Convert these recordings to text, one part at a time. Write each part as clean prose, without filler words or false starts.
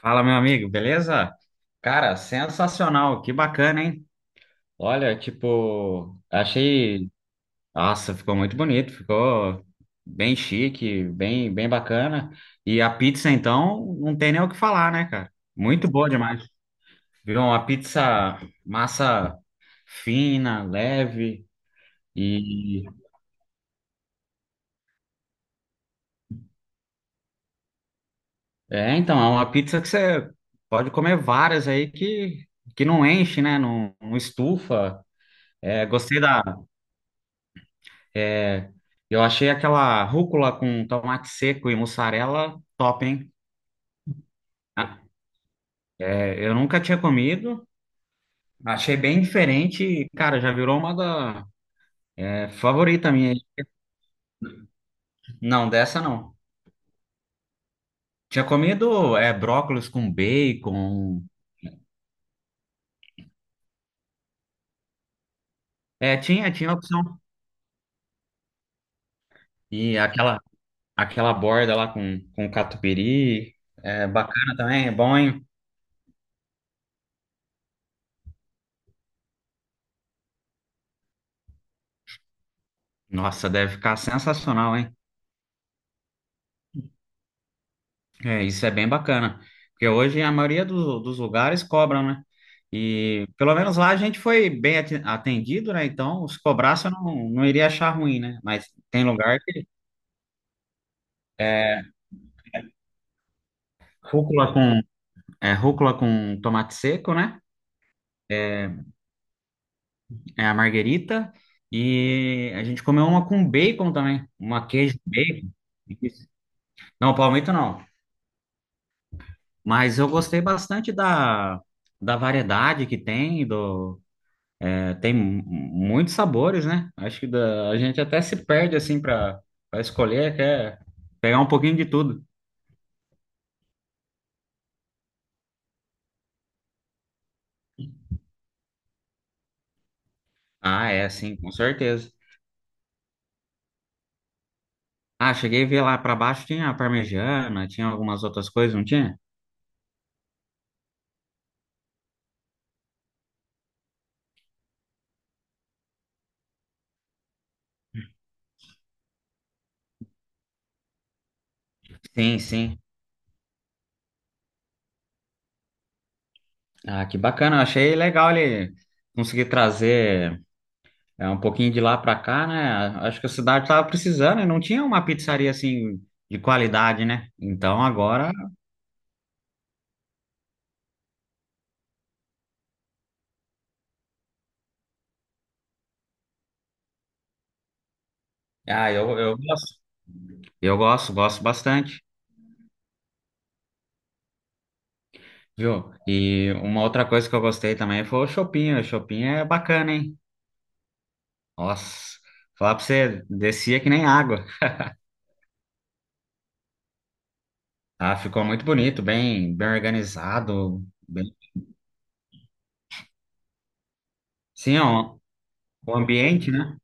Fala, meu amigo, beleza? Cara, sensacional, que bacana, hein? Olha, tipo, achei. Nossa, ficou muito bonito, ficou bem chique, bem bacana. E a pizza, então, não tem nem o que falar, né, cara? Muito boa demais. Viu? Uma pizza massa fina, leve. E. É, então, é uma pizza que você pode comer várias aí que não enche, né? Não estufa. É, gostei da. É, eu achei aquela rúcula com tomate seco e mussarela top, hein? Ah, é, eu nunca tinha comido, achei bem diferente e, cara, já virou uma favorita minha. Não, dessa não. Tinha comido brócolis com bacon. É, tinha opção. E aquela borda lá com catupiry. É bacana também, é bom, hein? Nossa, deve ficar sensacional, hein? É, isso é bem bacana, porque hoje a maioria dos lugares cobram, né? E pelo menos lá a gente foi bem atendido, né? Então, se cobrasse eu não iria achar ruim, né? Mas tem lugar que é rúcula com, é rúcula com tomate seco, né? É a marguerita. E a gente comeu uma com bacon também, uma queijo bacon. Não, palmito não. Mas eu gostei bastante da variedade que tem, do. Tem muitos sabores, né? Acho que a gente até se perde assim para escolher, quer pegar um pouquinho de tudo. Ah, é, sim, com certeza. Ah, cheguei a ver lá para baixo tinha a parmegiana, tinha algumas outras coisas, não tinha? Sim, sim. Ah, que bacana. Achei legal ele conseguir trazer um pouquinho de lá para cá, né? Acho que a cidade tava precisando e não tinha uma pizzaria assim de qualidade, né? Então agora, ah, eu gosto. Eu gosto, gosto bastante. Viu? E uma outra coisa que eu gostei também foi o shopping. O shopping é bacana, hein? Nossa, falar pra você, descia que nem água. Ah, ficou muito bonito, bem organizado. Bem... Sim, ó, o ambiente, né?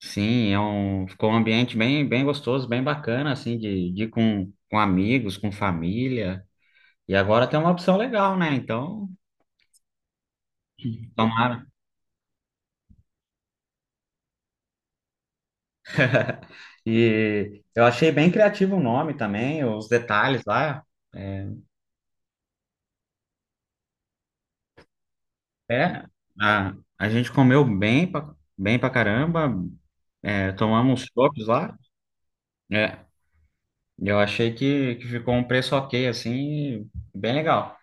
Sim, é um... ficou um ambiente bem gostoso, bem bacana, assim, de ir com amigos, com família. E agora tem uma opção legal, né? Então, tomara. E eu achei bem criativo o nome também, os detalhes lá. é, É, a gente comeu bem pra caramba, tomamos chopps lá. É, eu achei que ficou um preço ok, assim, bem legal.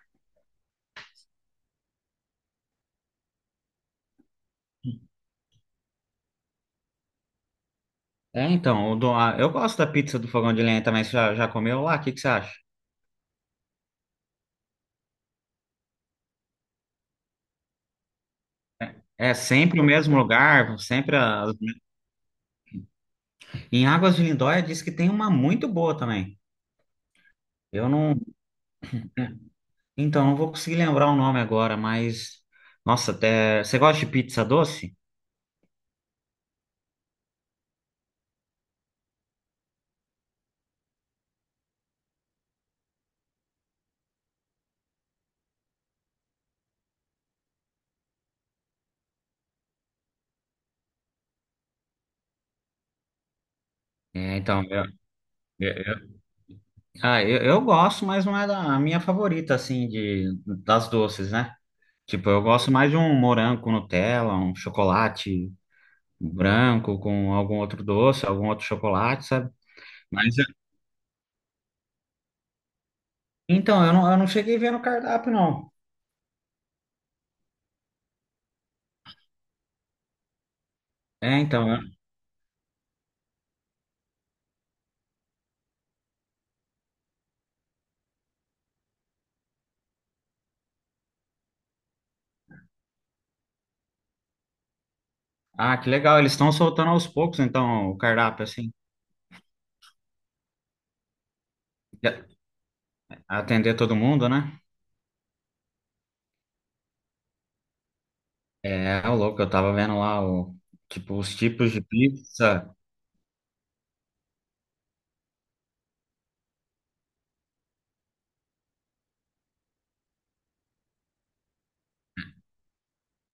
É, então, eu gosto da pizza do Fogão de Lenha também, você já comeu lá? O que você acha? É sempre o mesmo lugar, sempre as... Em Águas de Lindóia diz que tem uma muito boa também. Eu não... Então, não vou conseguir lembrar o nome agora, mas... Nossa, até... Você gosta de pizza doce? É, então, eu, Ah, eu gosto, mas não é a minha favorita, assim, das doces, né? Tipo, eu gosto mais de um morango com Nutella, um chocolate branco com algum outro doce, algum outro chocolate, sabe? Mas, então, eu não cheguei a ver no cardápio, não. É, então, ah, que legal, eles estão soltando aos poucos, então, o cardápio, assim, de- atender todo mundo, né? É, ô louco, eu tava vendo lá, tipo, os tipos de pizza,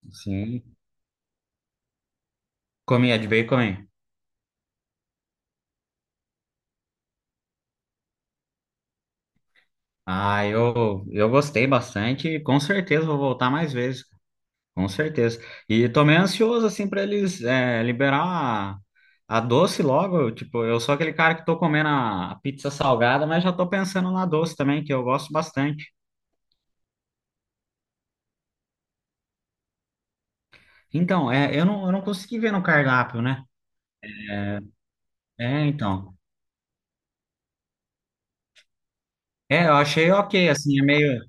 assim, comia de bacon, hein? Ah, eu gostei bastante e com certeza vou voltar mais vezes, com certeza. E tô meio ansioso, assim, pra eles liberar a doce logo. Tipo, eu sou aquele cara que tô comendo a pizza salgada, mas já tô pensando na doce também, que eu gosto bastante. Então, é, eu não consegui ver no cardápio, né? É, então. É, eu achei ok, assim, é meio...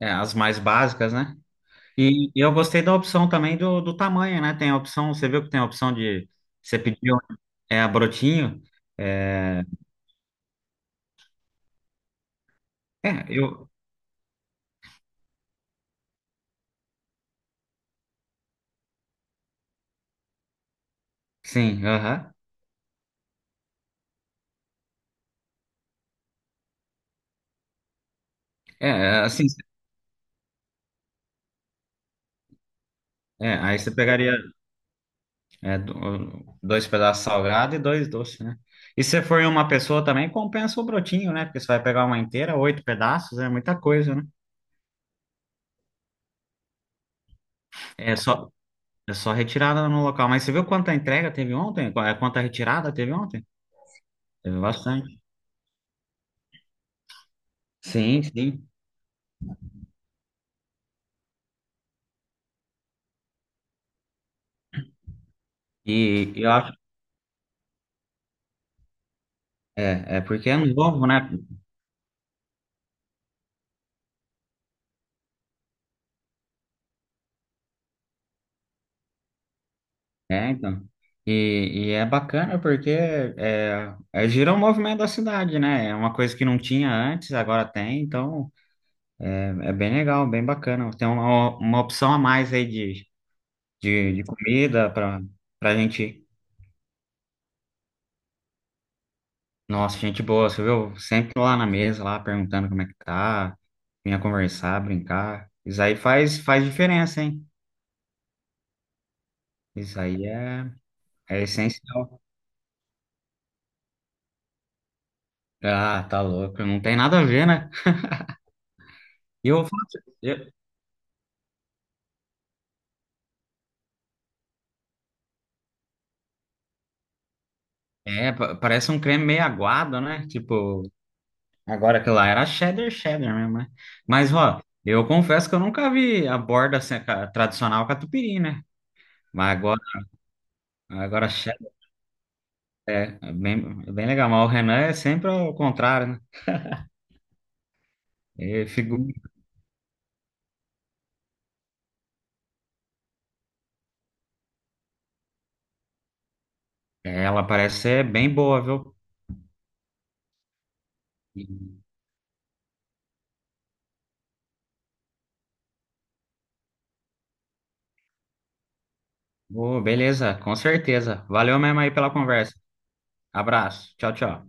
as mais básicas, né? E eu gostei da opção também do tamanho, né? Tem a opção, você viu que tem a opção de você pediu é a brotinho. É, é, eu sim, aham. É, assim, aí você pegaria dois pedaços salgado e dois doces, né? E se for uma pessoa também, compensa o brotinho, né? Porque você vai pegar uma inteira, oito pedaços, é muita coisa, né? É só, é só retirada no local. Mas você viu quanta entrega teve ontem? Quanta retirada teve ontem? Teve bastante. Sim, sim. E eu acho. É, porque é novo, né? É, então. E é bacana porque gira o movimento da cidade, né? É uma coisa que não tinha antes, agora tem, então é bem legal, bem bacana. Tem uma opção a mais aí de comida para gente. Nossa, gente boa, você viu? Sempre lá na mesa, lá perguntando como é que tá, vinha conversar, brincar. Isso aí faz diferença, hein? Isso aí é essencial. Ah, tá louco, não tem nada a ver, né? E eu, falo pra eu- é, pa- parece um creme meio aguado, né? Tipo, agora que lá era cheddar, cheddar mesmo, né? Mas, ó, eu confesso que eu nunca vi a borda assim, a tradicional catupiry, né? Mas agora cheddar é bem legal. Mas o Renan é sempre ao contrário, né? E figu- Ela parece ser bem boa, viu? E- Ô, beleza, com certeza. Valeu mesmo aí pela conversa. Abraço. Tchau, tchau.